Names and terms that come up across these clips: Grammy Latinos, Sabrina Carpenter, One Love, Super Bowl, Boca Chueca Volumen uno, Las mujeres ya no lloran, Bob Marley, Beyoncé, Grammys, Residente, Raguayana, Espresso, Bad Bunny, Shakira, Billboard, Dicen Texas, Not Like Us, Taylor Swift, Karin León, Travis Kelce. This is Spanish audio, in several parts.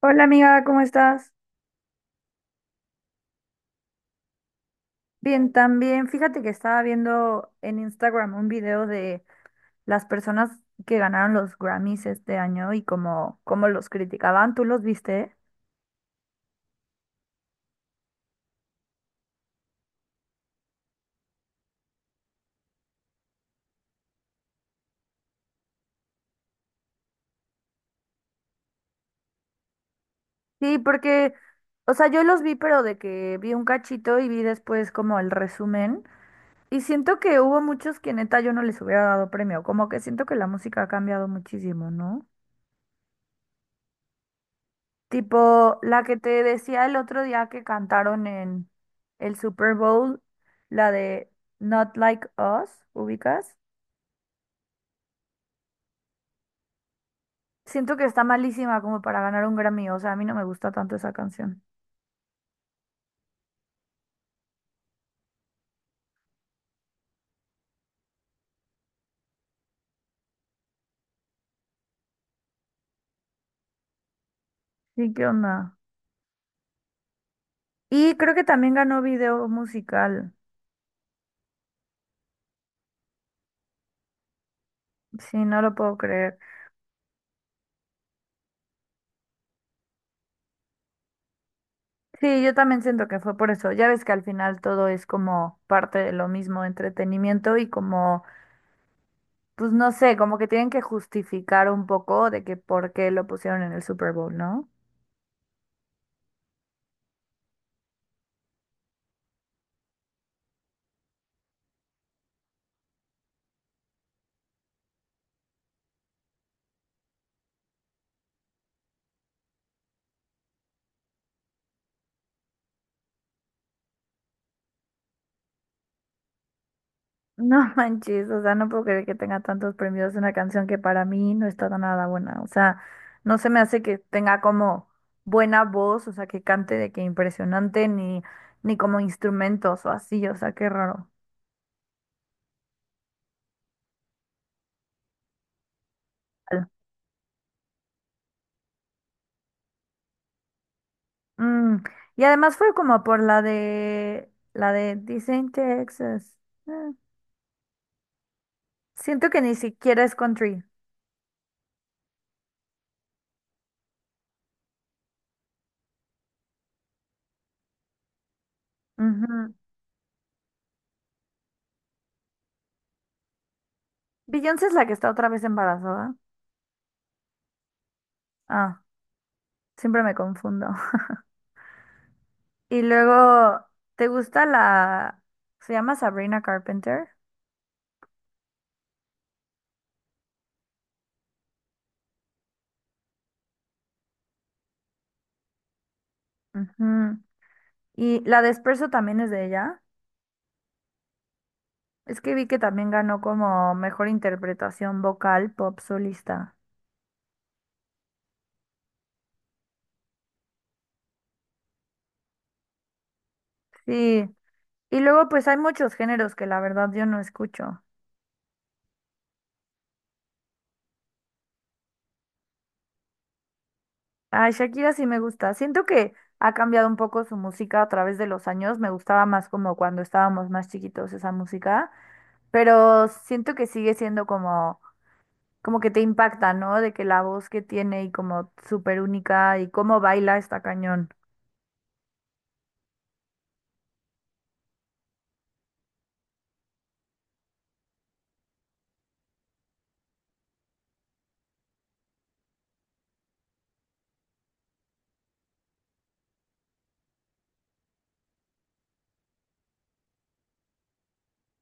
Hola amiga, ¿cómo estás? Bien, también. Fíjate que estaba viendo en Instagram un video de las personas que ganaron los Grammys este año y cómo los criticaban. ¿Tú los viste? Sí, porque, o sea, yo los vi, pero de que vi un cachito y vi después como el resumen. Y siento que hubo muchos que neta yo no les hubiera dado premio. Como que siento que la música ha cambiado muchísimo, ¿no? Tipo, la que te decía el otro día que cantaron en el Super Bowl, la de Not Like Us, ¿ubicas? Siento que está malísima como para ganar un Grammy, o sea, a mí no me gusta tanto esa canción. Sí, ¿qué onda? Y creo que también ganó video musical. Sí, no lo puedo creer. Sí, yo también siento que fue por eso. Ya ves que al final todo es como parte de lo mismo, entretenimiento y como, pues no sé, como que tienen que justificar un poco de que por qué lo pusieron en el Super Bowl, ¿no? No manches, o sea, no puedo creer que tenga tantos premios una canción que para mí no está nada buena. O sea, no se me hace que tenga como buena voz, o sea, que cante de que impresionante, ni como instrumentos o así, o sea, qué raro. Mm, y además fue como por la de Dicen Texas. Eh, Siento que ni siquiera es country. Ujú. Beyoncé es la que está otra vez embarazada. Ah, siempre me confundo. Y luego, ¿te gusta la... se llama Sabrina Carpenter? Ujú. Y la de Espresso también es de ella. Es que vi que también ganó como mejor interpretación vocal pop solista. Sí. Y luego, pues hay muchos géneros que la verdad yo no escucho. A Shakira sí me gusta. Siento que ha cambiado un poco su música a través de los años. Me gustaba más como cuando estábamos más chiquitos esa música. Pero siento que sigue siendo como que te impacta, ¿no? De que la voz que tiene y como súper única y cómo baila está cañón.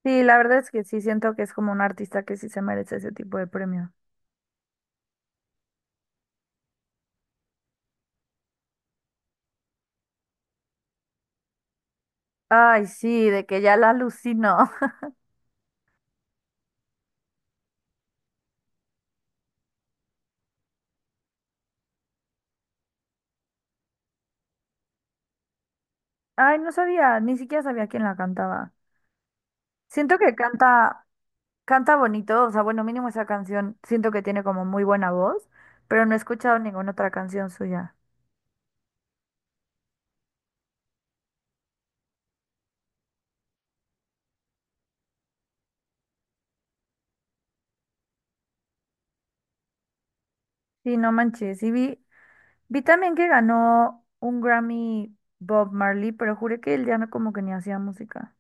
Sí, la verdad es que sí siento que es como un artista que sí se merece ese tipo de premio. Ay, sí, de que ya la alucino. Ay, no sabía, ni siquiera sabía quién la cantaba. Siento que canta bonito, o sea, bueno, mínimo esa canción, siento que tiene como muy buena voz, pero no he escuchado ninguna otra canción suya. Sí, no manches, y vi también que ganó un Grammy Bob Marley, pero juré que él ya no como que ni hacía música.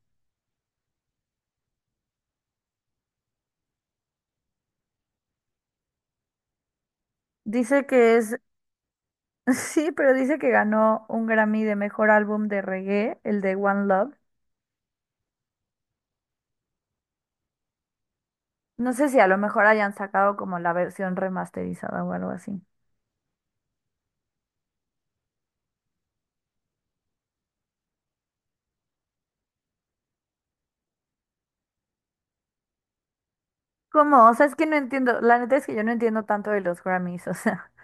Dice que es, sí, pero dice que ganó un Grammy de mejor álbum de reggae, el de One Love. No sé si a lo mejor hayan sacado como la versión remasterizada o algo así. ¿Cómo? O sea, es que no entiendo. La neta es que yo no entiendo tanto de los Grammys, o sea.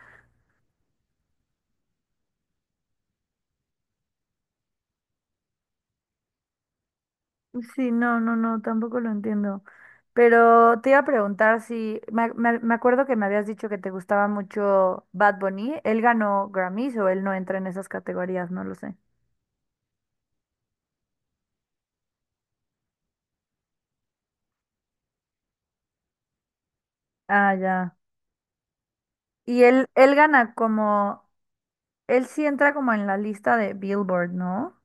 Sí, no, no, no, tampoco lo entiendo. Pero te iba a preguntar si, me acuerdo que me habías dicho que te gustaba mucho Bad Bunny. ¿Él ganó Grammys o él no entra en esas categorías? No lo sé. Ah, ya. Y él gana como él sí entra como en la lista de Billboard, ¿no?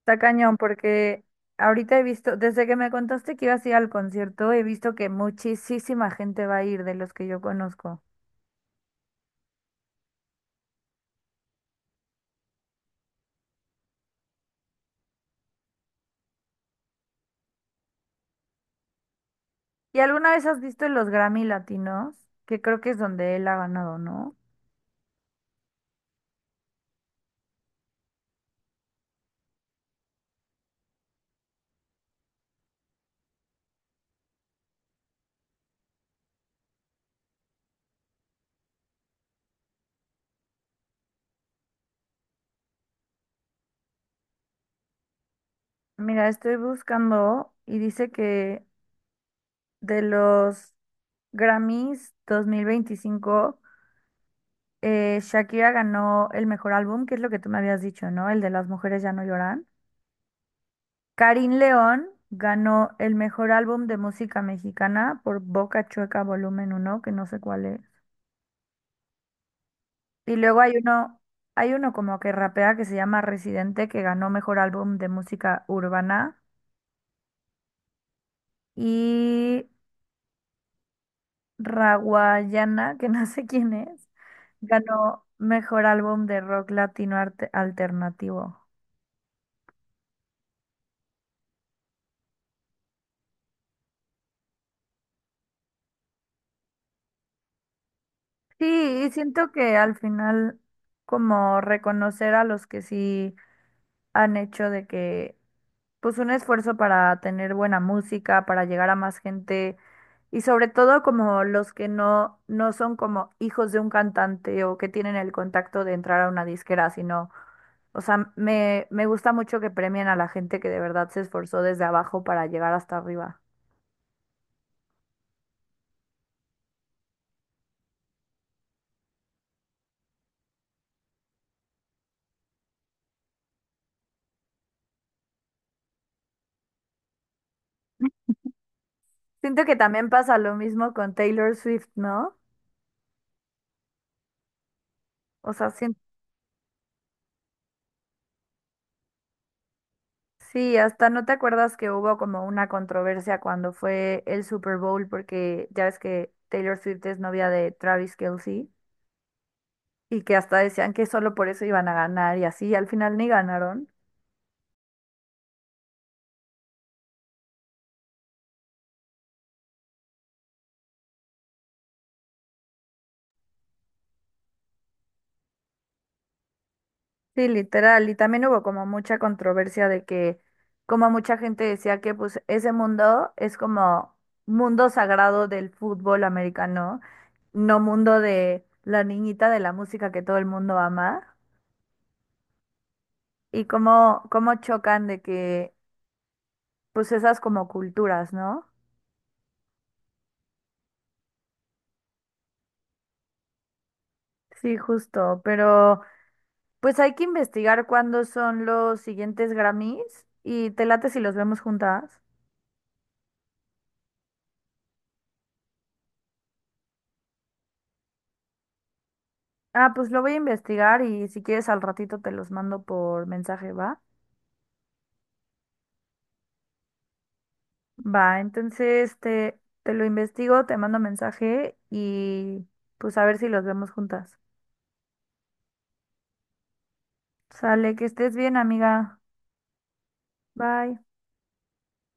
Está cañón porque ahorita he visto, desde que me contaste que ibas a ir al concierto, he visto que muchísima gente va a ir de los que yo conozco. ¿Y alguna vez has visto los Grammy Latinos? Que creo que es donde él ha ganado, ¿no? Mira, estoy buscando y dice que de los Grammys 2025, Shakira ganó el mejor álbum, que es lo que tú me habías dicho, ¿no? El de Las mujeres ya no lloran. Karin León ganó el mejor álbum de música mexicana por Boca Chueca Volumen 1 que no sé cuál es. Y luego hay uno como que rapea que se llama Residente, que ganó mejor álbum de música urbana. Y Raguayana, que no sé quién es, ganó mejor álbum de rock latino arte- alternativo. Sí, y siento que al final como reconocer a los que sí han hecho de que, pues un esfuerzo para tener buena música, para llegar a más gente y sobre todo como los que no, no son como hijos de un cantante o que tienen el contacto de entrar a una disquera, sino, o sea, me gusta mucho que premien a la gente que de verdad se esforzó desde abajo para llegar hasta arriba. Siento que también pasa lo mismo con Taylor Swift, ¿no? O sea, siento sí, hasta no te acuerdas que hubo como una controversia cuando fue el Super Bowl porque ya ves que Taylor Swift es novia de Travis Kelce y que hasta decían que solo por eso iban a ganar y así, y al final ni ganaron. Sí, literal, y también hubo como mucha controversia de que como mucha gente decía que pues ese mundo es como mundo sagrado del fútbol americano, no mundo de la niñita de la música que todo el mundo ama. Y cómo chocan de que pues esas como culturas, ¿no? Sí, justo, pero pues hay que investigar cuándo son los siguientes Grammys y te late si los vemos juntas. Ah, pues lo voy a investigar y si quieres al ratito te los mando por mensaje, ¿va? Va, entonces te lo investigo, te mando mensaje y pues a ver si los vemos juntas. Sale, que estés bien, amiga. Bye.